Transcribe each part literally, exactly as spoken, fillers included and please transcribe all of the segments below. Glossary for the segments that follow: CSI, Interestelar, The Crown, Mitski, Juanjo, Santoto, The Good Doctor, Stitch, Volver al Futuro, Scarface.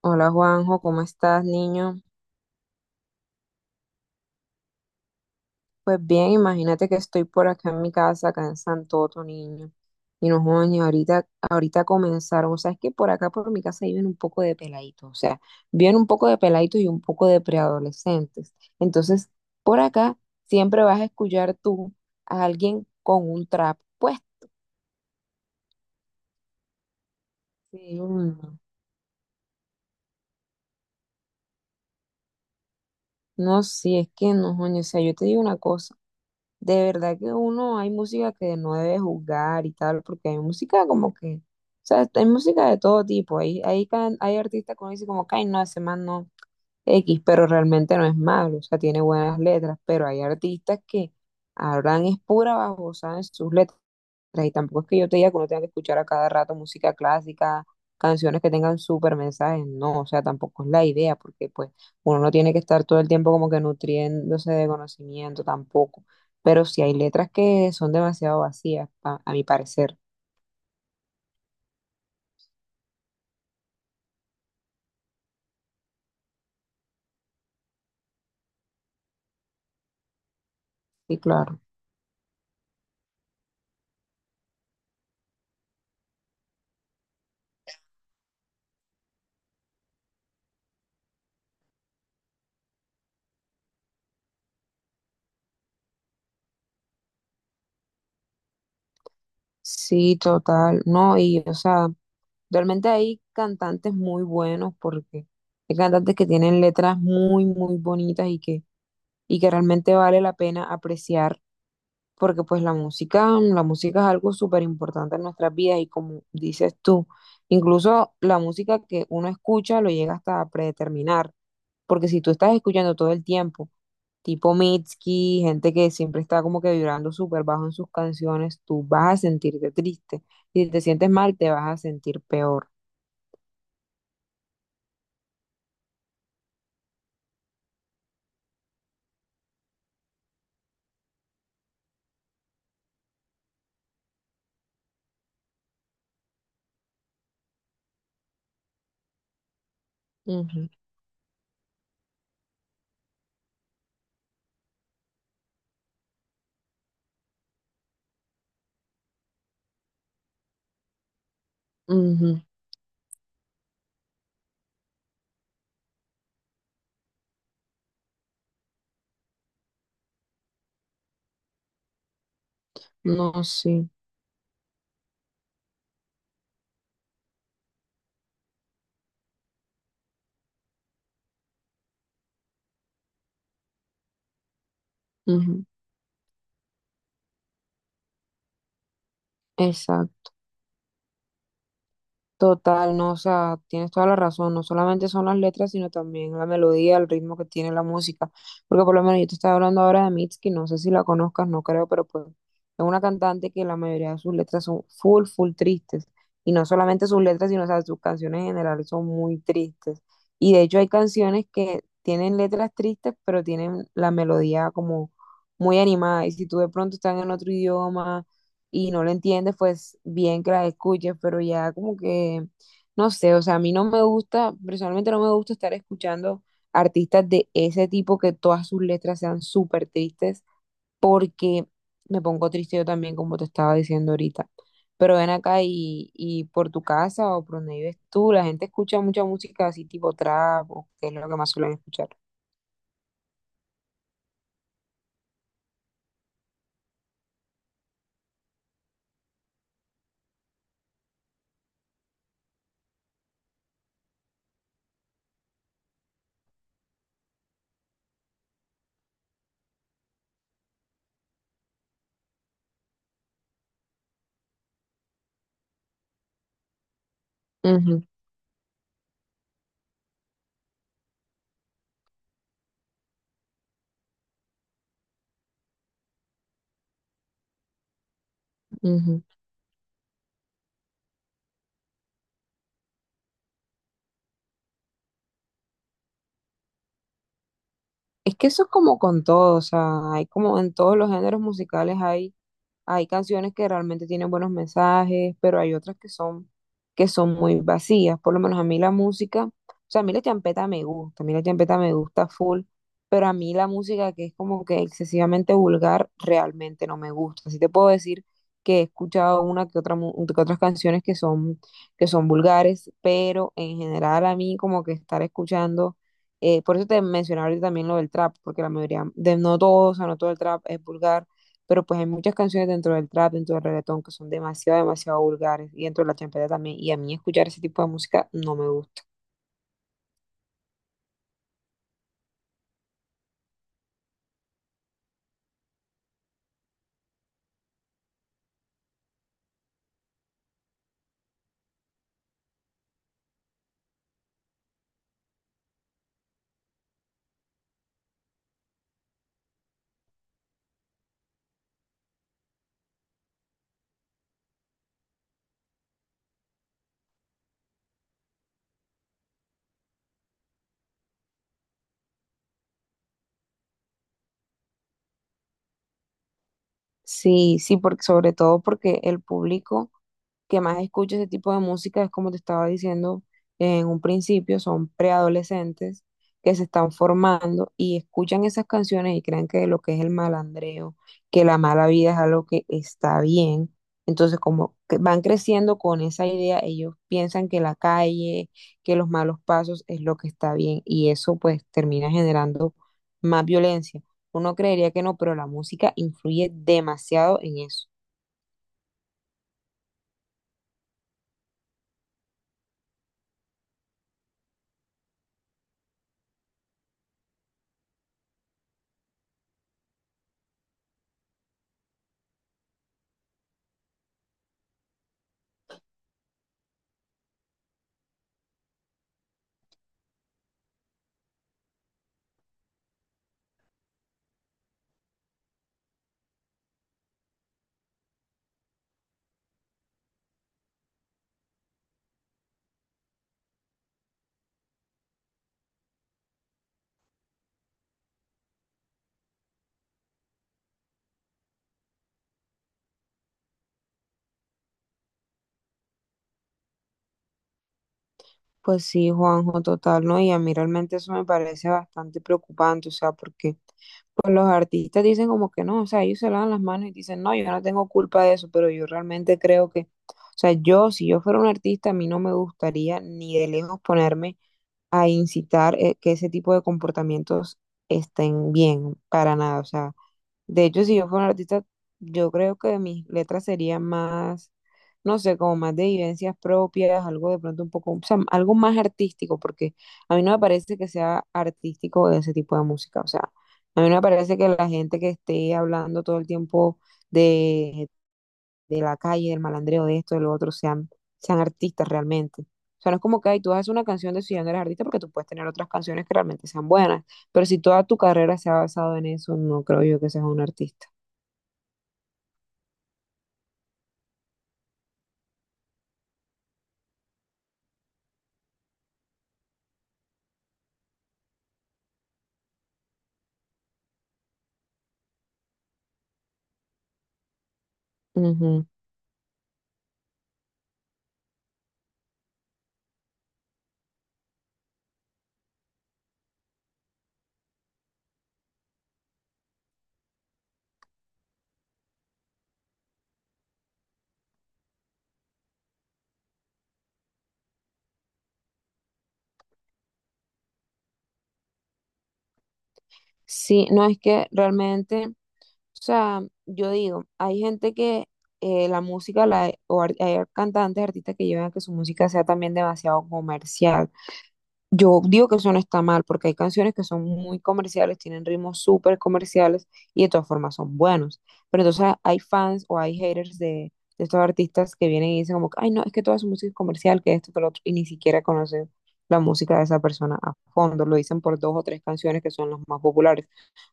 Hola Juanjo, ¿cómo estás, niño? Pues bien, imagínate que estoy por acá en mi casa, acá en Santoto, niño. Y no jodas, ni ahorita, ahorita comenzaron, o sea, es que por acá por mi casa viven un poco de peladitos, o sea, viven un poco de peladitos y un poco de preadolescentes. Entonces, por acá siempre vas a escuchar tú a alguien con un trap puesto. Sí, uno. No, sí, es que no, jodas, o sea, yo te digo una cosa. De verdad que uno hay música que no debe juzgar y tal, porque hay música como que, o sea, hay música de todo tipo. Hay, hay, can- hay artistas que uno dice como, ay, no, ese man no X, pero realmente no es malo, o sea, tiene buenas letras, pero hay artistas que hablan es pura babosada en sus letras sea, y tampoco es que yo te diga que uno tenga que escuchar a cada rato música clásica, canciones que tengan súper mensajes, no, o sea, tampoco es la idea, porque pues uno no tiene que estar todo el tiempo como que nutriéndose de conocimiento tampoco, pero sí hay letras que son demasiado vacías, a, a mi parecer. Sí, claro. Sí, total. No, y o sea, realmente hay cantantes muy buenos porque hay cantantes que tienen letras muy, muy bonitas y que, y que realmente vale la pena apreciar porque pues la música, mm, la música es algo súper importante en nuestras vidas y como dices tú, incluso la música que uno escucha lo llega hasta a predeterminar, porque si tú estás escuchando todo el tiempo, tipo Mitski, gente que siempre está como que vibrando súper bajo en sus canciones, tú vas a sentirte triste y si te sientes mal te vas a sentir peor. Ujú, ujú. No, sí, ujú, exacto. Total, no, o sea, tienes toda la razón, no solamente son las letras, sino también la melodía, el ritmo que tiene la música, porque por lo menos yo te estaba hablando ahora de Mitski, no sé si la conozcas, no creo, pero pues es una cantante que la mayoría de sus letras son full, full tristes, y no solamente sus letras, sino, o sea, sus canciones en general son muy tristes, y de hecho hay canciones que tienen letras tristes, pero tienen la melodía como muy animada, y si tú de pronto estás en otro idioma y no lo entiendes, pues bien que la escuches, pero ya como que, no sé, o sea, a mí no me gusta, personalmente no me gusta estar escuchando artistas de ese tipo que todas sus letras sean súper tristes, porque me pongo triste yo también, como te estaba diciendo ahorita. Pero ven acá y, y por tu casa o por donde vives tú, la gente escucha mucha música así tipo trap, o que es lo que más suelen escuchar. Ujú, ujú. Es que eso es como con todo, o sea, hay como en todos los géneros musicales hay hay canciones que realmente tienen buenos mensajes, pero hay otras que son, que son muy vacías. Por lo menos a mí la música, o sea, a mí la champeta me gusta, a mí la champeta me gusta full, pero a mí la música que es como que excesivamente vulgar realmente no me gusta. Así te puedo decir que he escuchado una que otra, mu- que otras canciones que son, que son vulgares, pero en general a mí como que estar escuchando, eh, por eso te mencionaba ahorita también lo del trap, porque la mayoría, de, no todo, o sea, no todo el trap es vulgar pero pues hay muchas canciones dentro del trap, dentro del reggaetón, que son demasiado, demasiado vulgares, y dentro de la champeta también. Y a mí escuchar ese tipo de música no me gusta. Sí, sí, porque, sobre todo porque el público que más escucha ese tipo de música es como te estaba diciendo en un principio, son preadolescentes que se están formando y escuchan esas canciones y creen que lo que es el malandreo, que la mala vida es algo que está bien. Entonces, como que van creciendo con esa idea, ellos piensan que la calle, que los malos pasos es lo que está bien y eso pues termina generando más violencia. Uno creería que no, pero la música influye demasiado en eso. Pues sí, Juanjo, total, ¿no? Y a mí realmente eso me parece bastante preocupante, o sea, porque pues los artistas dicen como que no, o sea, ellos se lavan las manos y dicen, no, yo no tengo culpa de eso, pero yo realmente creo que, o sea, yo, si yo fuera un artista, a mí no me gustaría ni de lejos ponerme a incitar eh, que ese tipo de comportamientos estén bien, para nada, o sea, de hecho, si yo fuera un artista, yo creo que mis letras serían más, no sé, como más de vivencias propias, algo de pronto un poco, o sea, algo más artístico, porque a mí no me parece que sea artístico ese tipo de música. O sea, a mí no me parece que la gente que esté hablando todo el tiempo de, de la calle, del malandreo, de esto, de lo otro, sean, sean artistas realmente. O sea, no es como que ay, tú haces una canción de si ya no eres artista, porque tú puedes tener otras canciones que realmente sean buenas. Pero si toda tu carrera se ha basado en eso, no creo yo que seas un artista. Ujú. Sí, no es que realmente, o sea, yo digo, hay gente que eh, la música, la, o ar- hay cantantes, artistas que llevan a que su música sea también demasiado comercial. Yo digo que eso no está mal, porque hay canciones que son muy comerciales, tienen ritmos súper comerciales y de todas formas son buenos. Pero entonces hay fans o hay haters de, de estos artistas que vienen y dicen como, que, ay, no, es que toda su música es comercial, que esto, que lo otro, y ni siquiera conocen la música de esa persona a fondo. Lo dicen por dos o tres canciones que son las más populares.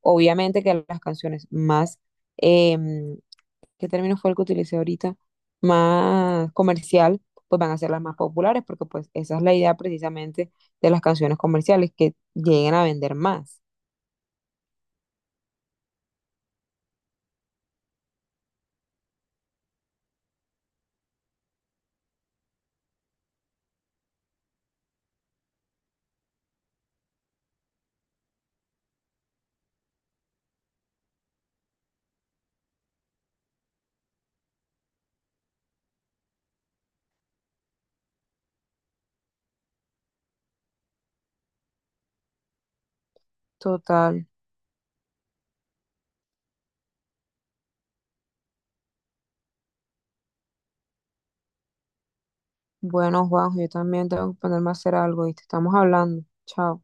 Obviamente que las canciones más, em, ¿qué término fue el que utilicé ahorita? Más comercial, pues van a ser las más populares, porque pues esa es la idea precisamente de las canciones comerciales, que lleguen a vender más. Total. Bueno, Juanjo, yo también tengo que ponerme a hacer algo, ¿viste? Estamos hablando. Chao.